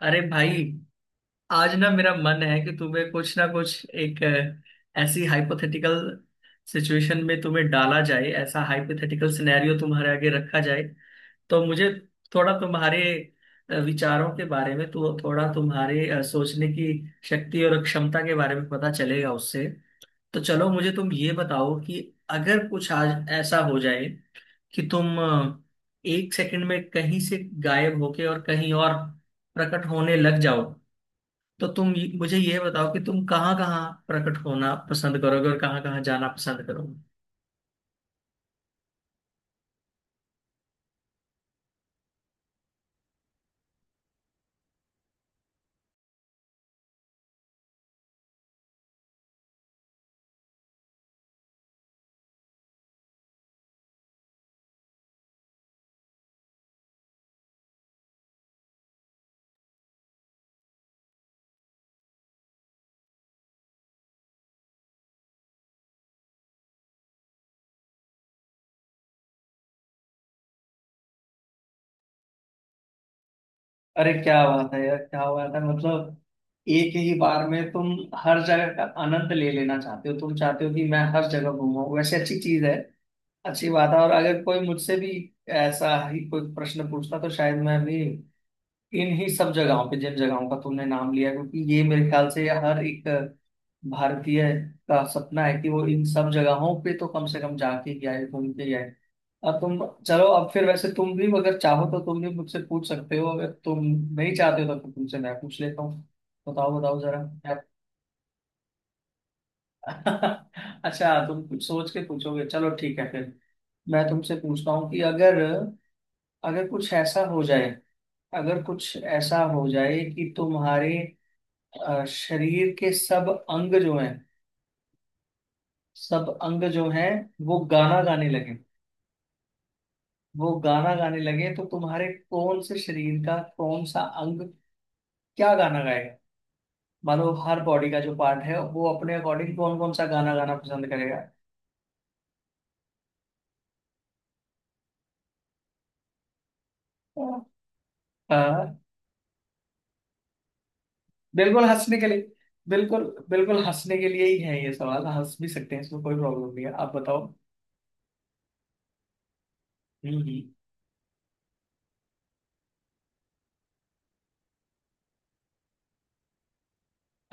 अरे भाई। आज ना मेरा मन है कि तुम्हें कुछ ना कुछ एक ऐसी हाइपोथेटिकल सिचुएशन में तुम्हें डाला जाए, ऐसा हाइपोथेटिकल सिनेरियो तुम्हारे आगे रखा जाए, तो मुझे थोड़ा तुम्हारे विचारों के बारे में, तो थोड़ा तुम्हारे सोचने की शक्ति और क्षमता के बारे में पता चलेगा उससे। तो चलो, मुझे तुम ये बताओ कि अगर कुछ आज ऐसा हो जाए कि तुम 1 सेकंड में कहीं से गायब होके और कहीं और प्रकट होने लग जाओ, तो तुम मुझे ये बताओ कि तुम कहाँ कहाँ प्रकट होना पसंद करोगे और कहाँ कहाँ जाना पसंद करोगे। अरे, क्या बात है यार, क्या बात है! मतलब एक ही बार में तुम हर जगह का आनंद ले लेना चाहते हो, तुम चाहते हो कि मैं हर जगह घूमूं। वैसे अच्छी चीज है, अच्छी बात है। और अगर कोई मुझसे भी ऐसा ही कोई प्रश्न पूछता, तो शायद मैं भी इन्हीं सब जगहों पे, जिन जगहों का तुमने नाम लिया, क्योंकि ये मेरे ख्याल से हर एक भारतीय का सपना है कि वो इन सब जगहों पे तो कम से कम जाके ही आए, घूम के ही आए। अब तुम, चलो। अब फिर वैसे, तुम भी अगर चाहो तो तुम भी मुझसे पूछ सकते हो, अगर तुम नहीं चाहते हो तो फिर तुमसे मैं पूछ लेता हूँ। बताओ बताओ जरा अच्छा, तुम कुछ सोच के पूछोगे? चलो ठीक है फिर। मैं तुमसे पूछता हूँ कि अगर अगर कुछ ऐसा हो जाए अगर कुछ ऐसा हो जाए कि तुम्हारे शरीर के सब अंग जो हैं सब अंग जो हैं वो गाना गाने लगे वो गाना गाने लगे, तो तुम्हारे कौन से शरीर का कौन सा अंग क्या गाना गाएगा? मानो हर बॉडी का जो पार्ट है वो अपने अकॉर्डिंग कौन कौन सा गाना गाना पसंद करेगा? हाँ। बिल्कुल हंसने के लिए, बिल्कुल, बिल्कुल हंसने के लिए ही है ये सवाल। हंस भी सकते हैं, इसमें कोई प्रॉब्लम नहीं है। आप बताओ। हम्म,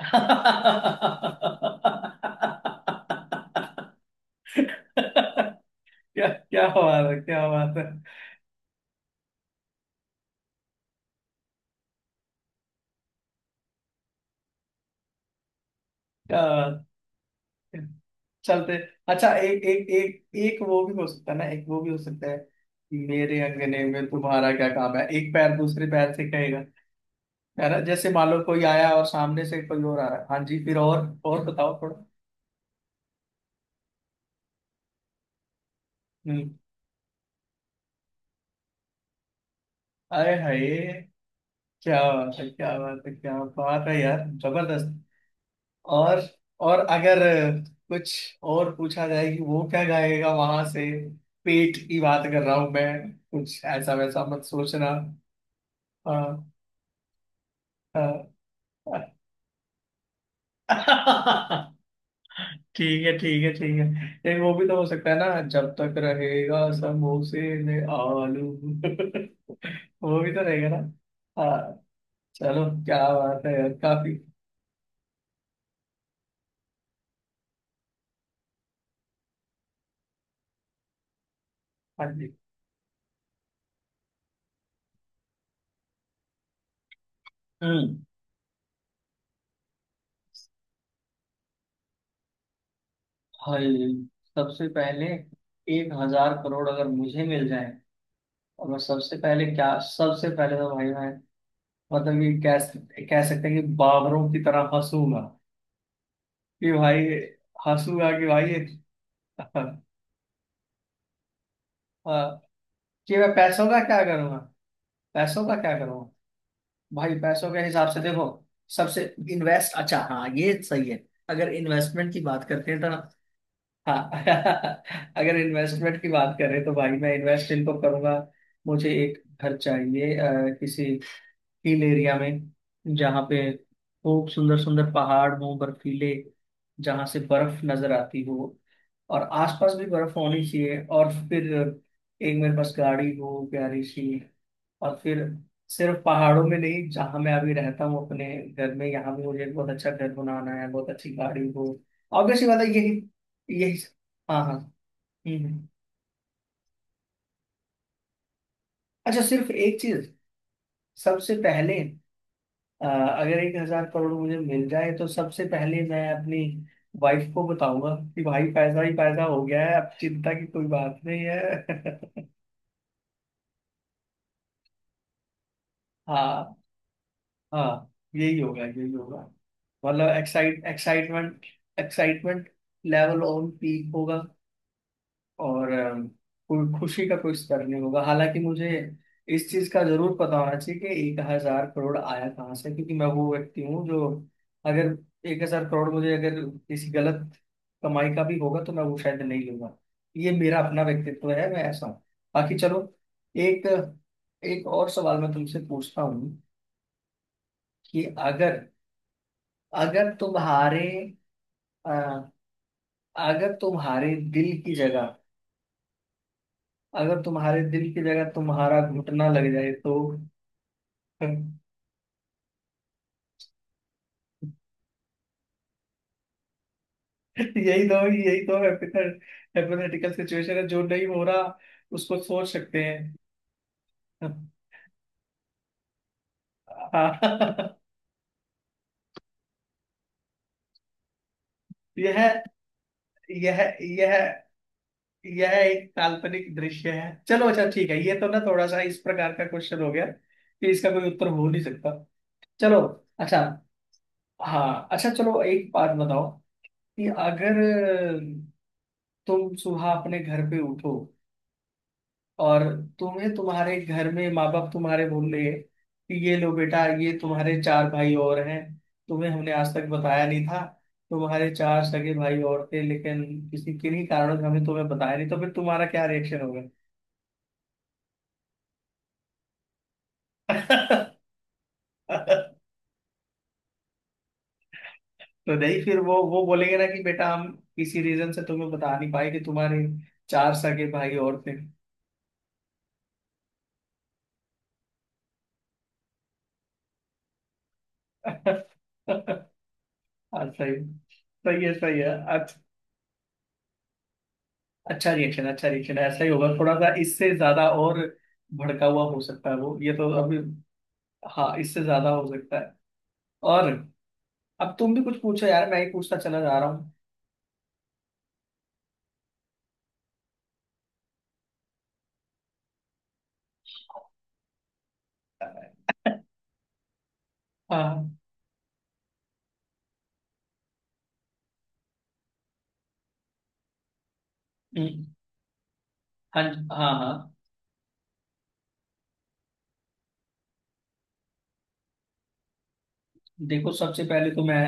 हम्म। क्या क्या बात है! क्या बात है! क्या बात है! चलते। अच्छा, एक एक एक एक वो भी हो सकता है ना, एक वो भी हो सकता है। मेरे अंगने में तुम्हारा क्या काम है, एक पैर दूसरे पैर से कहेगा। है ना? जैसे मान लो कोई आया और सामने से कोई और आ रहा है। हाँ जी। फिर और बताओ थोड़ा। हम्म। अरे हाय! क्या बात है! क्या बात है! क्या बात है यार, जबरदस्त! और और अगर कुछ और पूछा जाए कि वो क्या गाएगा वहां से, पेट की बात कर रहा हूं मैं, कुछ ऐसा वैसा मत सोचना। हाँ, हाँ। ठीक है, ठीक है, ठीक है। लेकिन वो भी तो हो सकता है ना, जब तक रहेगा समोसे में आलू वो भी तो रहेगा ना। हाँ। चलो, क्या बात है यार, काफी। हाँ जी। हम्म। हाय! सबसे पहले, 1,000 करोड़ अगर मुझे मिल जाए, और मैं सबसे पहले क्या, सबसे पहले तो भाई मैं, मतलब ये कह सकते हैं कि बाबरों की तरह हंसूंगा कि भाई, हंसूंगा कि भाई हाँ, कि मैं पैसों का क्या करूंगा, पैसों का क्या करूंगा। भाई पैसों के हिसाब से देखो, सबसे, इन्वेस्ट, अच्छा हाँ ये सही है, अगर इन्वेस्टमेंट की बात करते हैं तो, हाँ। अगर इन्वेस्टमेंट की बात करें, तो भाई मैं इन्वेस्ट इनको करूंगा। मुझे एक घर चाहिए किसी हिल एरिया में, जहाँ पे खूब सुंदर सुंदर पहाड़ हो बर्फीले, जहाँ से बर्फ नजर आती हो, और आसपास भी बर्फ होनी चाहिए, और फिर एक मेरे पास गाड़ी हो प्यारी सी, और फिर सिर्फ पहाड़ों में नहीं, जहाँ मैं अभी रहता हूँ अपने घर में, यहाँ भी मुझे एक बहुत अच्छा घर बनाना है, बहुत अच्छी गाड़ी हो। ऑब्वियसली बात है यही, यही। हाँ, हाँ। हम्म, अच्छा, सिर्फ एक चीज, सबसे पहले अगर 1,000 करोड़ मुझे मिल जाए, तो सबसे पहले मैं अपनी वाइफ को बताऊंगा कि भाई, पैसा ही पैसा हो गया है, अब चिंता की कोई बात नहीं है। हाँ, हाँ। यही होगा, यही होगा। मतलब एक्साइटमेंट लेवल ऑन पीक होगा। और कोई खुशी का कोई स्तर नहीं होगा, हालांकि मुझे इस चीज का जरूर पता होना चाहिए कि 1,000 करोड़ आया कहाँ से, क्योंकि मैं वो व्यक्ति हूँ जो, अगर 1,000 करोड़ मुझे, अगर किसी गलत कमाई का भी होगा, तो मैं वो शायद नहीं लूंगा। ये मेरा अपना व्यक्तित्व है, मैं ऐसा हूँ। बाकी चलो, एक एक और सवाल मैं तुमसे पूछता हूँ कि अगर अगर तुम्हारे अ, अगर तुम्हारे दिल की जगह अगर तुम्हारे दिल की जगह तुम्हारा घुटना लग जाए तो? यही तो, यही तो हाइपोथेटिकल सिचुएशन है जो नहीं हो रहा, उसको सोच सकते हैं। हाँ। यह यह यह यह एक काल्पनिक दृश्य है। चलो अच्छा ठीक है, ये तो ना, थोड़ा सा इस प्रकार का क्वेश्चन हो गया कि इसका कोई उत्तर हो नहीं सकता। चलो। अच्छा, हाँ अच्छा चलो, एक बात बताओ कि अगर तुम सुबह अपने घर पे उठो, और तुम्हें तुम्हारे घर में माँ बाप तुम्हारे बोल रहे हैं कि ये लो बेटा, ये तुम्हारे चार भाई और हैं, तुम्हें हमने आज तक बताया नहीं था, तुम्हारे चार सगे भाई और थे, लेकिन किसी किन्हीं कारणों से हमें तुम्हें बताया नहीं, तो फिर तुम्हारा क्या रिएक्शन होगा? तो नहीं, फिर वो बोलेंगे ना कि बेटा, हम किसी रीजन से तुम्हें बता नहीं पाए कि तुम्हारे चार सगे भाई और थे। हाँ। सही सही है, सही है। अच्छा रिएक्शन ऐसा ही होगा, थोड़ा सा इससे ज्यादा और भड़का हुआ हो सकता है वो, ये तो अभी। हाँ, इससे ज्यादा हो सकता है। और अब तुम भी कुछ पूछो यार, मैं ही पूछता चला जा रहा हूँ। हाँ। हम्म, हाँ, हाँ, हाँ। देखो, सबसे पहले तो मैं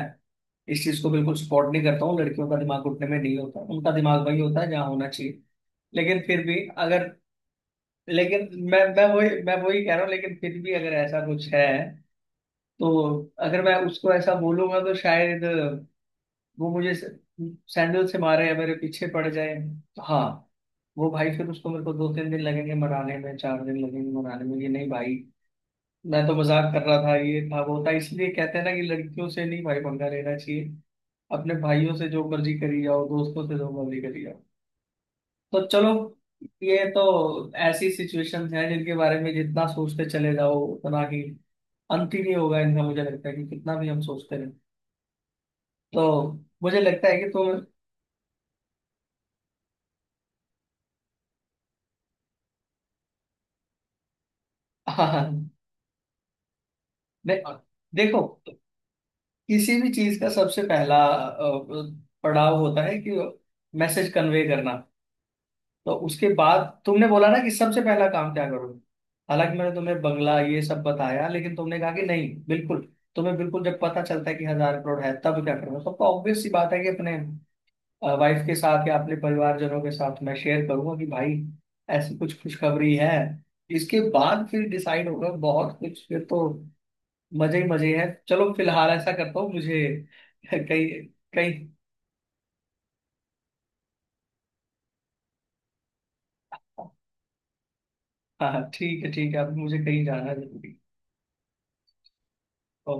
इस चीज को बिल्कुल सपोर्ट नहीं करता हूँ, लड़कियों का दिमाग घुटने में नहीं होता, उनका दिमाग वही होता है जहाँ होना चाहिए। लेकिन फिर भी अगर लेकिन मैं वही कह रहा हूँ, लेकिन फिर भी अगर ऐसा कुछ है तो, अगर मैं उसको ऐसा बोलूंगा तो शायद वो मुझे सैंडल से मारे, या मेरे पीछे पड़ जाए। तो हाँ, वो भाई, फिर उसको मेरे को दो तीन दिन लगेंगे मनाने में, 4 दिन लगेंगे मनाने में, ये नहीं भाई। मैं तो मजाक कर रहा था, ये था वो था, इसलिए कहते हैं ना कि लड़कियों से नहीं भाई पंगा लेना चाहिए, अपने भाइयों से जो मर्जी करी जाओ, दोस्तों से जो मर्जी करी जाओ। तो चलो, ये तो ऐसी सिचुएशंस हैं जिनके बारे में जितना सोचते चले जाओ, उतना ही अंत ही नहीं होगा इनका, मुझे लगता है कि कितना भी हम सोचते रहे। तो मुझे लगता है कि तुम हाँ, दे, देखो, किसी भी चीज का सबसे पहला पड़ाव होता है कि मैसेज कन्वे करना, तो उसके बाद तुमने बोला ना कि सबसे पहला काम क्या करोगे। हालांकि मैंने तुम्हें बंगला, ये सब बताया, लेकिन तुमने कहा कि नहीं बिल्कुल, तुम्हें बिल्कुल जब पता चलता है कि 1,000 करोड़ है, तब क्या करूंगा सबको। ऑब्वियस सी बात है कि अपने वाइफ के साथ या अपने परिवारजनों के साथ मैं शेयर करूंगा कि भाई, ऐसी कुछ खुशखबरी है। इसके बाद फिर डिसाइड होगा बहुत कुछ, फिर तो मजे ही मजे हैं। चलो फिलहाल ऐसा करता हूँ मुझे कहीं, कहीं। हाँ हाँ, ठीक है, ठीक है। अभी मुझे कहीं जाना है जरूरी। ओके।